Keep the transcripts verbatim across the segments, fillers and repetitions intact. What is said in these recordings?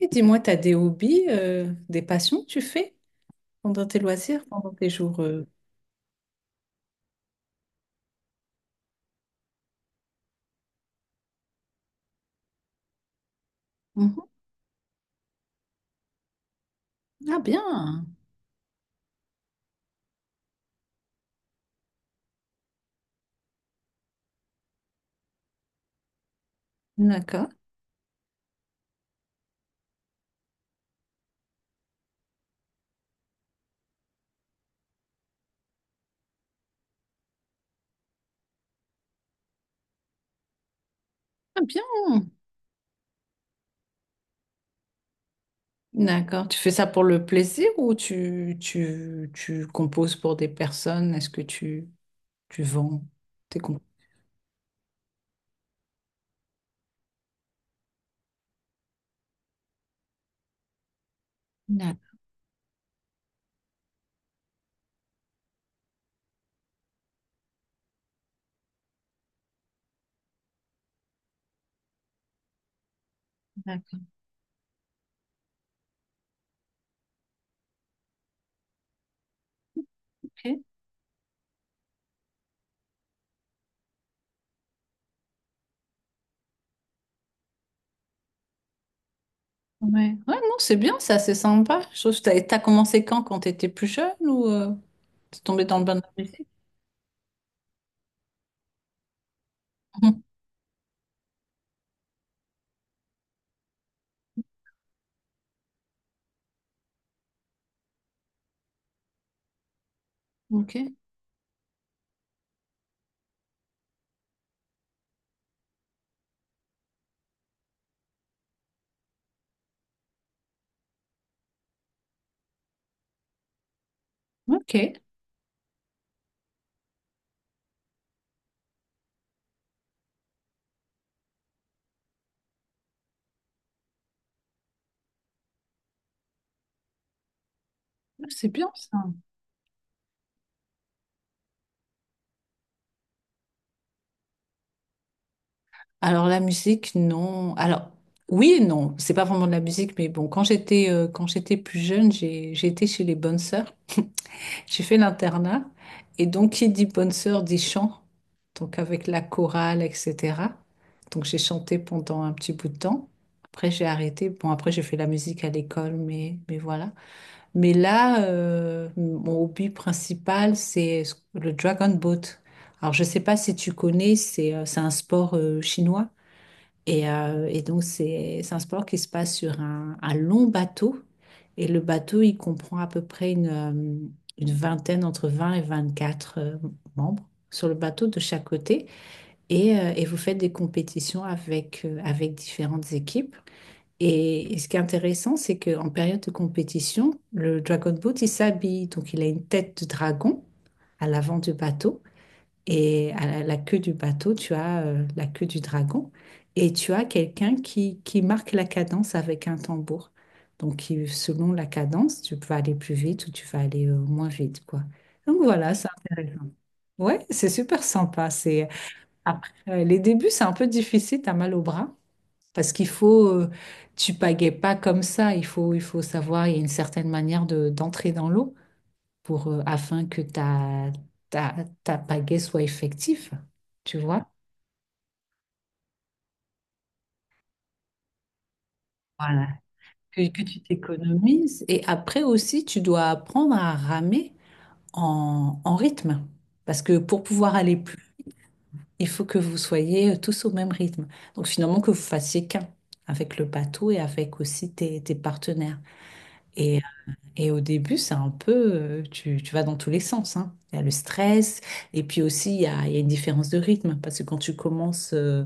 Et dis-moi, tu as des hobbies, euh, des passions que tu fais pendant tes loisirs, pendant tes jours euh, Mhm. Ah bien, d'accord. Ah bien, d'accord. Tu fais ça pour le plaisir ou tu, tu, tu composes pour des personnes? Est-ce que tu, tu vends tes compositions? D'accord, d'accord. Ok. Ouais. Ouais, non, c'est bien ça, c'est sympa. Je trouve que t'as, t'as commencé quand, quand tu étais plus jeune ou euh, t'es tombé dans le bain de la musique? Mhm. Ok, ok. Ah, c'est bien ça. Alors la musique, non. Alors oui et non, c'est pas vraiment de la musique, mais bon, quand j'étais euh, quand j'étais plus jeune, j'ai j'ai été chez les bonnes sœurs. J'ai fait l'internat et donc qui dit bonne sœur dit chant, donc avec la chorale, et cetera. Donc j'ai chanté pendant un petit bout de temps. Après j'ai arrêté. Bon après j'ai fait la musique à l'école, mais mais voilà. Mais là, euh, mon hobby principal c'est le dragon boat. Alors je sais pas si tu connais, c'est euh, c'est un sport euh, chinois. Et, euh, et donc, c'est c'est un sport qui se passe sur un, un long bateau. Et le bateau, il comprend à peu près une, euh, une vingtaine, entre vingt et vingt-quatre euh, membres sur le bateau de chaque côté. Et, euh, et vous faites des compétitions avec, euh, avec différentes équipes. Et, et ce qui est intéressant, c'est qu'en période de compétition, le Dragon Boat, il s'habille. Donc, il a une tête de dragon à l'avant du bateau. Et à la, la queue du bateau, tu as euh, la queue du dragon et tu as quelqu'un qui, qui marque la cadence avec un tambour. Donc, qui- selon la cadence, tu peux aller plus vite ou tu vas aller euh, moins vite, quoi. Donc, voilà, c'est intéressant. Ouais, c'est super sympa. C'est après euh, les débuts, c'est un peu difficile, t'as mal au bras parce qu'il faut euh, tu pagaies pas comme ça, il faut il faut savoir, il y a une certaine manière de d'entrer dans l'eau pour, euh, afin que ta, ta, ta pagaie soit effective, tu vois? Voilà, que, que tu t'économises. Et après aussi, tu dois apprendre à ramer en, en rythme. Parce que pour pouvoir aller plus, il faut que vous soyez euh, tous au même rythme. Donc finalement, que vous fassiez qu'un avec le bateau et avec aussi tes, tes partenaires. Et, et au début, c'est un peu, euh, tu, tu vas dans tous les sens, hein. Il y a le stress, et puis aussi, il y a, il y a une différence de rythme. Parce que quand tu commences, euh,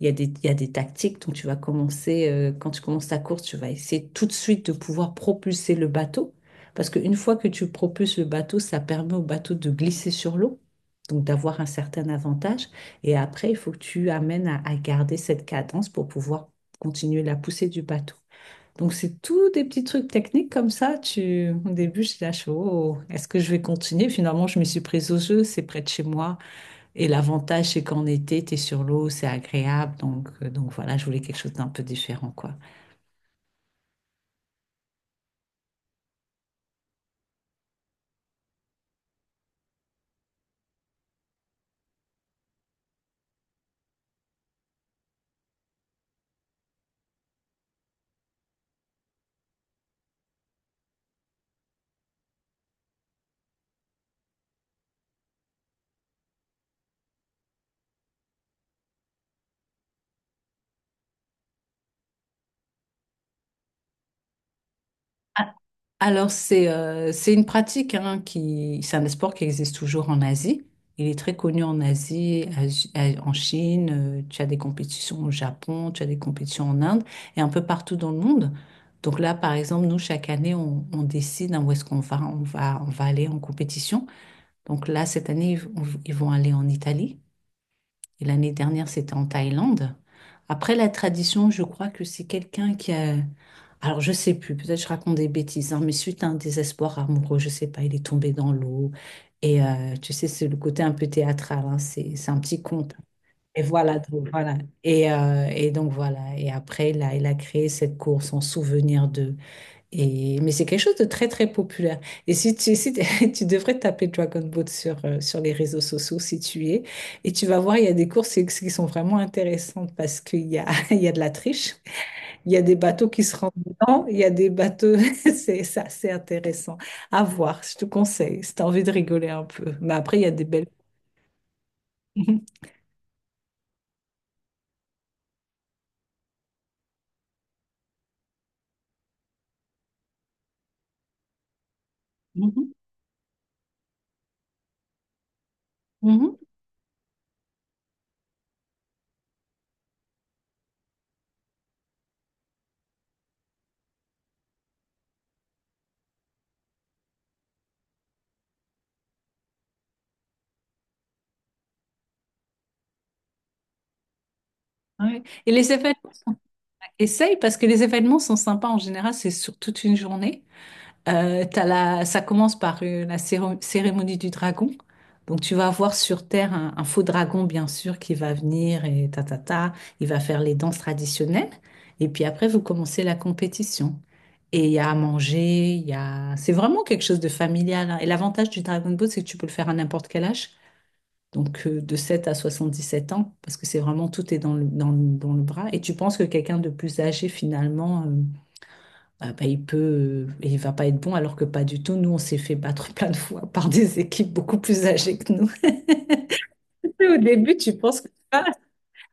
il y a des, il y a des tactiques donc tu vas commencer, euh, quand tu commences ta course, tu vas essayer tout de suite de pouvoir propulser le bateau. Parce qu'une fois que tu propulses le bateau, ça permet au bateau de glisser sur l'eau, donc d'avoir un certain avantage. Et après, il faut que tu amènes à, à garder cette cadence pour pouvoir continuer la poussée du bateau. Donc, c'est tout des petits trucs techniques comme ça. Tu... Au début, je lâche, oh, est-ce que je vais continuer? Finalement, je me suis prise au jeu, c'est près de chez moi. Et l'avantage, c'est qu'en été, tu es sur l'eau, c'est agréable. Donc, euh, donc voilà, je voulais quelque chose d'un peu différent, quoi. Ah, alors, c'est euh, c'est une pratique hein, qui... C'est un sport qui existe toujours en Asie. Il est très connu en Asie, Asi- à- en Chine. euh, tu as des compétitions au Japon, tu as des compétitions en Inde et un peu partout dans le monde. Donc là, par exemple, nous, chaque année, on, on décide hein, où est-ce qu'on va. On va, on va aller en compétition. Donc là, cette année, ils, vont ils vont aller en Italie. Et l'année dernière, c'était en Thaïlande. Après, la tradition, je crois que c'est quelqu'un qui a... Alors, je sais plus, peut-être je raconte des bêtises, hein, mais suite à un désespoir amoureux, je sais pas, il est tombé dans l'eau. Et euh, tu sais, c'est le côté un peu théâtral, hein, c'est, c'est un petit conte. Et voilà, donc voilà. Et, euh, et donc voilà. Et après, là, il a créé cette course en souvenir de et, mais c'est quelque chose de très très populaire. Et si tu, si t'es- Tu devrais taper Dragon Boat sur, euh, sur les réseaux sociaux si tu y es, et tu vas voir, il y a des courses qui qui sont vraiment intéressantes parce qu'il y a, il y a de la triche, il y a des bateaux qui se rendent dedans, il y a des bateaux, c'est c'est assez intéressant à voir, je te conseille, si tu as envie de rigoler un peu. Mais après, il y a des belles... Mhm, mhm, mhm, ouais. Et les événements, essaye parce que les événements sont sympas en général, c'est sur toute une journée. Euh, t'as la, ça commence par euh, la céro- cérémonie du dragon. Donc tu vas avoir sur Terre un, un faux dragon, bien sûr, qui va venir et ta ta ta, il va faire les danses traditionnelles. Et puis après, vous commencez la compétition. Et il y a à manger, il y a... C'est vraiment quelque chose de familial, hein. Et l'avantage du Dragon Ball, c'est que tu peux le faire à n'importe quel âge. Donc euh, de sept à soixante-dix-sept ans, parce que c'est vraiment tout est dans le, dans, le dans le bras. Et tu penses que quelqu'un de plus âgé, finalement... euh, ah bah, il peut, euh, il va pas être bon alors que pas du tout. Nous, on s'est fait battre plein de fois par des équipes beaucoup plus âgées que nous. Au début, tu penses que ah,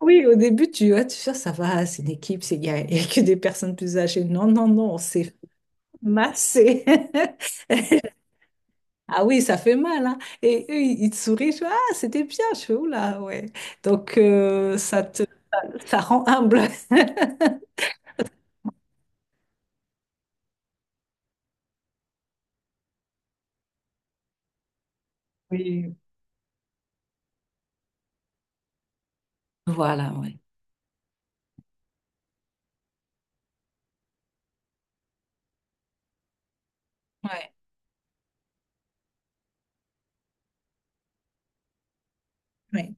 oui, au début, tu vois, tu fais, ça va, c'est une équipe, c'est il y a, il y a que des personnes plus âgées. Non, non, non, on s'est massé. Ah oui, ça fait mal, hein. Et eux, ils ils te sourient, je fais, ah, c'était bien, je fais, oula, ouais. Donc, euh, ça te, ça rend humble. Oui. Voilà, ouais. Ouais, ouais.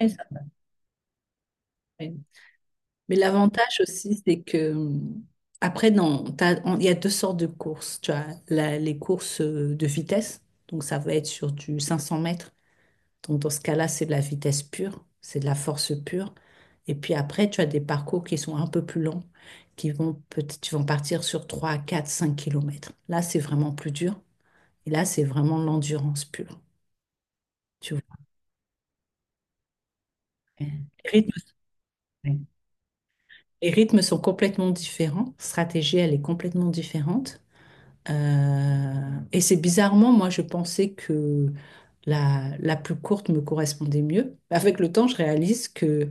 Et ça, ouais. Mais l'avantage aussi, c'est que hum, après, non, t'as- on- il y a deux sortes de courses. Tu as la- les courses euh, de vitesse, donc ça va être sur du cinq cents mètres. Donc dans ce cas-là, c'est de la vitesse pure, c'est de la force pure. Et puis après, tu as des parcours qui sont un peu plus longs, qui vont peut-être, qui vont partir sur trois, quatre, cinq kilomètres. Là, c'est vraiment plus dur. Et là, c'est vraiment l'endurance pure. Tu vois. Les rythmes, les rythmes sont complètement différents. Stratégie, elle est complètement différente. Euh, et c'est bizarrement, moi, je pensais que la, la plus courte me correspondait mieux. Avec le temps, je réalise que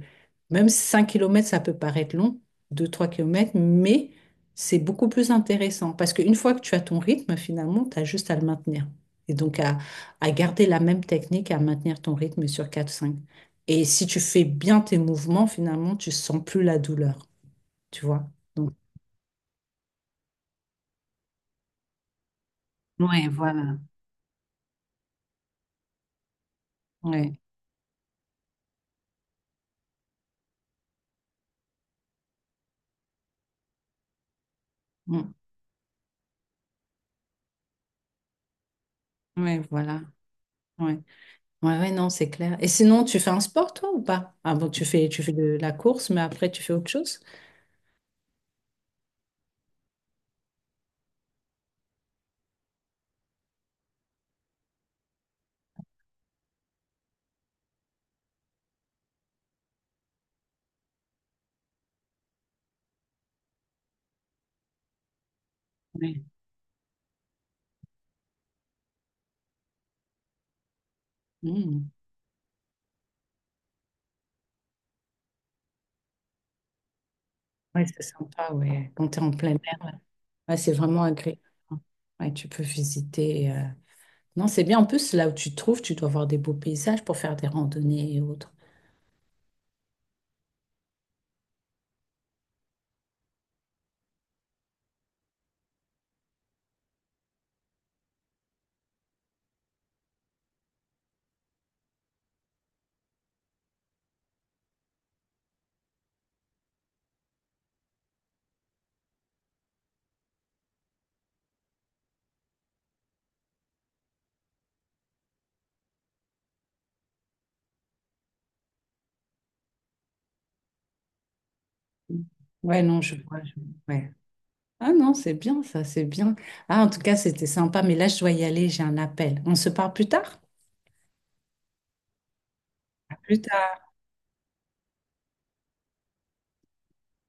même cinq kilomètres ça peut paraître long, deux trois kilomètres, mais c'est beaucoup plus intéressant parce qu'une fois que tu as ton rythme, finalement, tu as juste à le maintenir. Et donc à, à garder la même technique, à maintenir ton rythme sur quatre cinq. Et si tu fais bien tes mouvements, finalement, tu sens plus la douleur, tu vois. Donc, ouais, voilà. Ouais, mm, ouais, voilà. Ouais. Ouais, ouais, non, c'est clair. Et sinon, tu fais un sport, toi, ou pas? Ah bon, tu fais, tu fais de la course, mais après, tu fais autre chose? Ouais. Mm. Ouais, c'est sympa, ouais. Quand tu es en plein air, ouais. Ouais, c'est vraiment agréable. Ouais, tu peux visiter. euh. Non, c'est bien. En plus, là où tu te trouves, tu dois avoir des beaux paysages pour faire des randonnées et autres. Mm. Ouais, non, je vois. je- Ouais. Ah non, c'est bien, ça, c'est bien. Ah, en tout cas, c'était sympa, mais là, je dois y aller, j'ai un appel. On se parle plus tard? À plus tard.